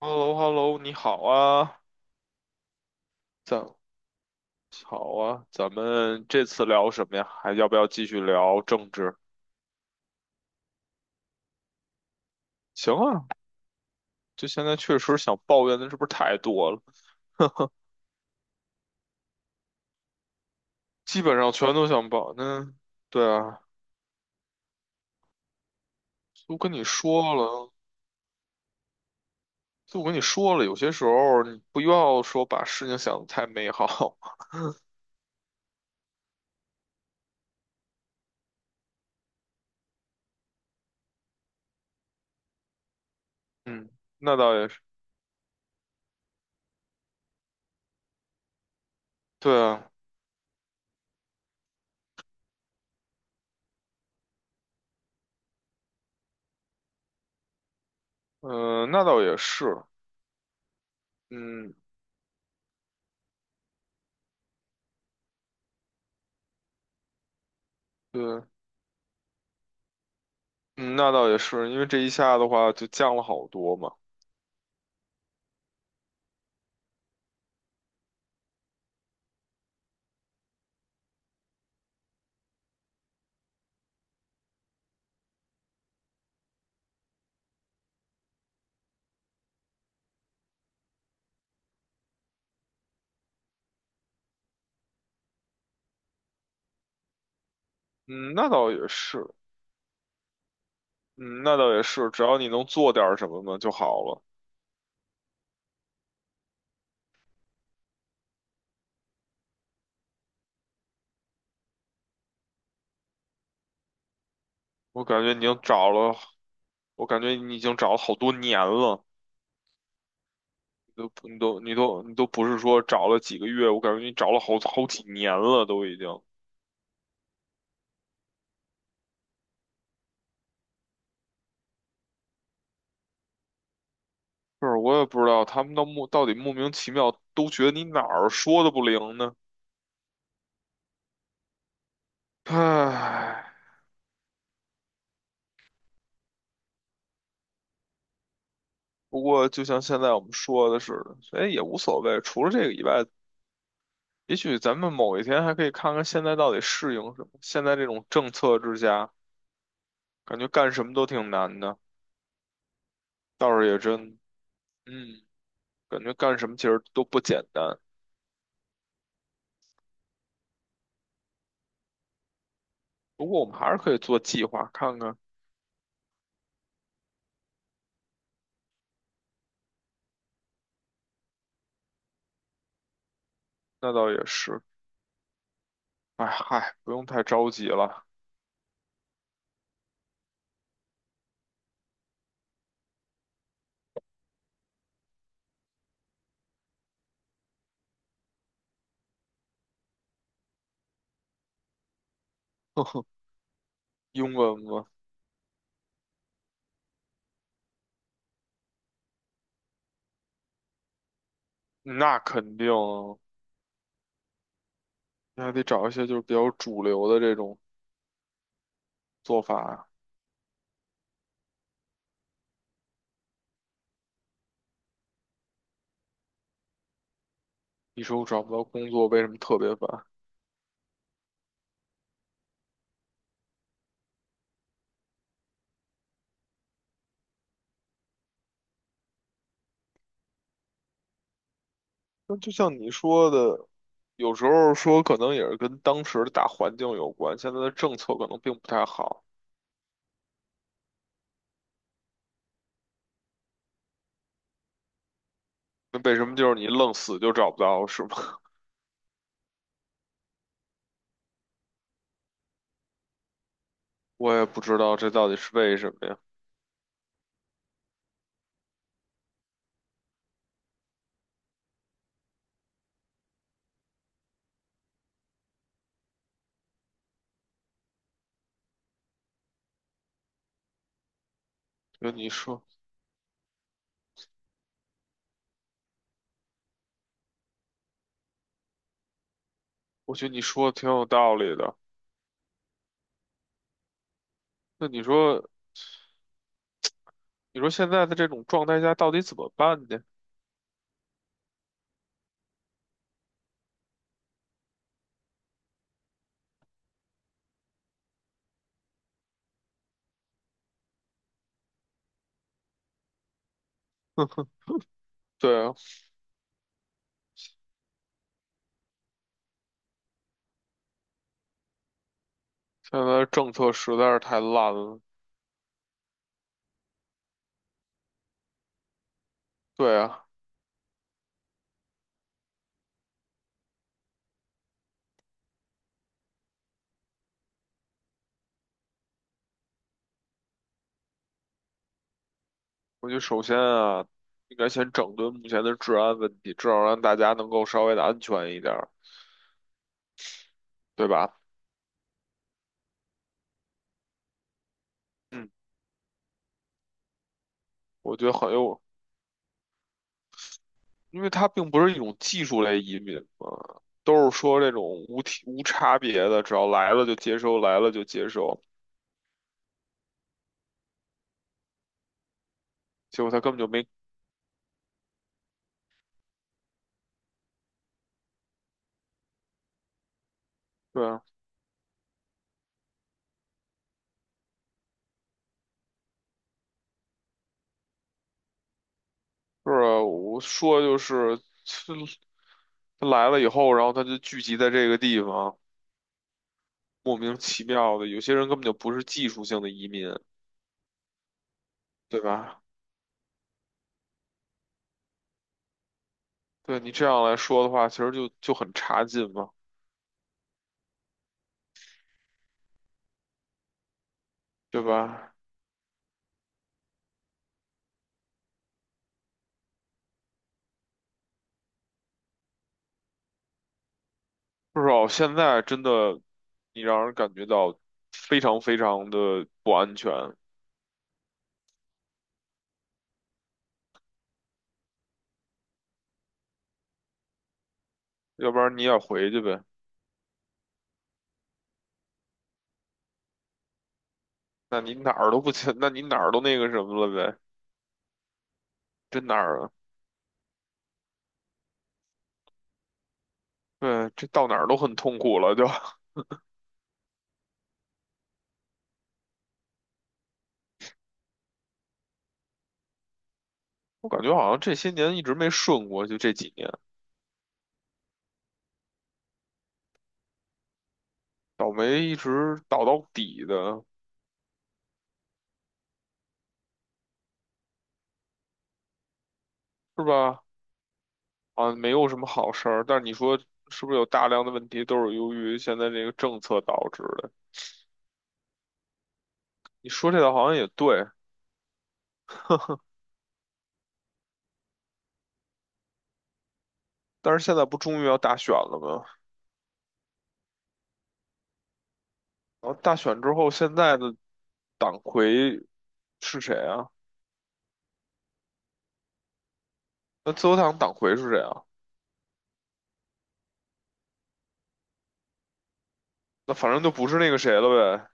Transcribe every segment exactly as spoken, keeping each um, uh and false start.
h e l l o h e l l o 你好啊，咱好啊，咱们这次聊什么呀？还要不要继续聊政治？行啊，就现在确实想抱怨的是不是太多了？基本上全都想抱。那对啊，都跟你说了，就我跟你说了，有些时候你不要说把事情想得太美好。嗯，那倒也是。对啊，嗯、那倒也是。嗯，对，嗯，那倒也是，因为这一下的话就降了好多嘛。嗯，那倒也是。嗯，那倒也是，只要你能做点儿什么呢就好了。我感觉你已经找了，我感觉你已经找了好多年了，你都你都你都你都不是说找了几个月，我感觉你找了好好几年了，都已经。是，我也不知道他们到莫到底莫名其妙都觉得你哪儿说的不灵呢。唉，不过就像现在我们说的似的，所以也无所谓。除了这个以外，也许咱们某一天还可以看看现在到底适应什么。现在这种政策之下，感觉干什么都挺难的。倒是也真，嗯，感觉干什么其实都不简单。不过我们还是可以做计划看看，那倒也是。哎嗨，不用太着急了。呵呵，英文吗？那肯定啊，你还得找一些就是比较主流的这种做法呀。你说我找不到工作，为什么特别烦？那就像你说的，有时候说可能也是跟当时的大环境有关，现在的政策可能并不太好。那为什么就是你愣死就找不到，是吗？我也不知道这到底是为什么呀。那你说，我觉得你说的挺有道理的。那你说，你说现在的这种状态下到底怎么办呢？对啊，现在的政策实在是太烂了。对啊，我觉得首先啊，应该先整顿目前的治安问题，至少让大家能够稍微的安全一点儿，对吧？嗯，我觉得很有，因为它并不是一种技术类移民嘛，都是说这种无体无差别的，只要来了就接收，来了就接收，结果他根本就没，对啊。是啊，我说就是他他来了以后，然后他就聚集在这个地方，莫名其妙的，有些人根本就不是技术性的移民，对吧？对你这样来说的话，其实就就很差劲嘛，对吧？至少现在真的，你让人感觉到非常非常的不安全。要不然你也回去呗，那你哪儿都不去，那你哪儿都那个什么了呗，这哪儿啊。对，这到哪儿都很痛苦了，就。我感觉好像这些年一直没顺过，就这几年倒霉一直倒到底的，是吧？啊，没有什么好事儿。但是你说是不是有大量的问题都是由于现在这个政策导致的？你说这个好像也对，但是现在不终于要大选了吗？然后大选之后，现在的党魁是谁啊？那自由党党魁是谁啊？那反正就不是那个谁了呗，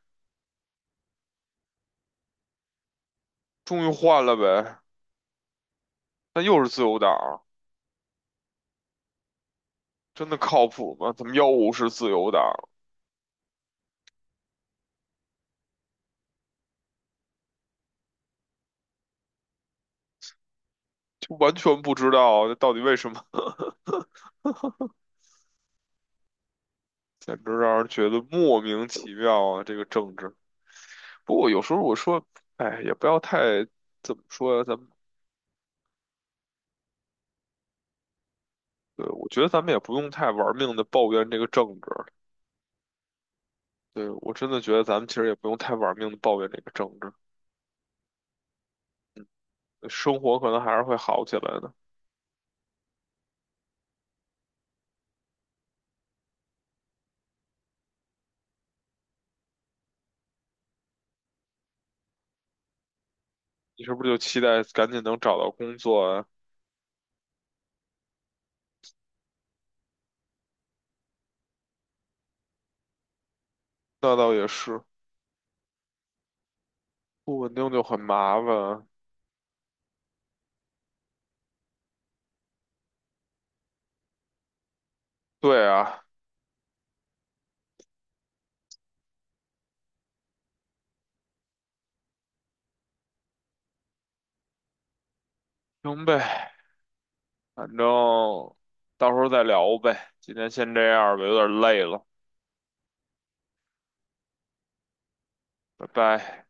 终于换了呗。那又是自由党，真的靠谱吗？怎么又是自由党？完全不知道这到底为什么，简直让人觉得莫名其妙啊！这个政治。不过有时候我说，哎，也不要太怎么说呀，咱们对，我觉得咱们也不用太玩命的抱怨这个政治。对，我真的觉得咱们其实也不用太玩命的抱怨这个政治，呃生活可能还是会好起来的。你是不是就期待赶紧能找到工作啊？那倒也是，不稳定就很麻烦啊。对啊，行呗。反正到时候再聊呗。今天先这样吧，有点累了，拜拜。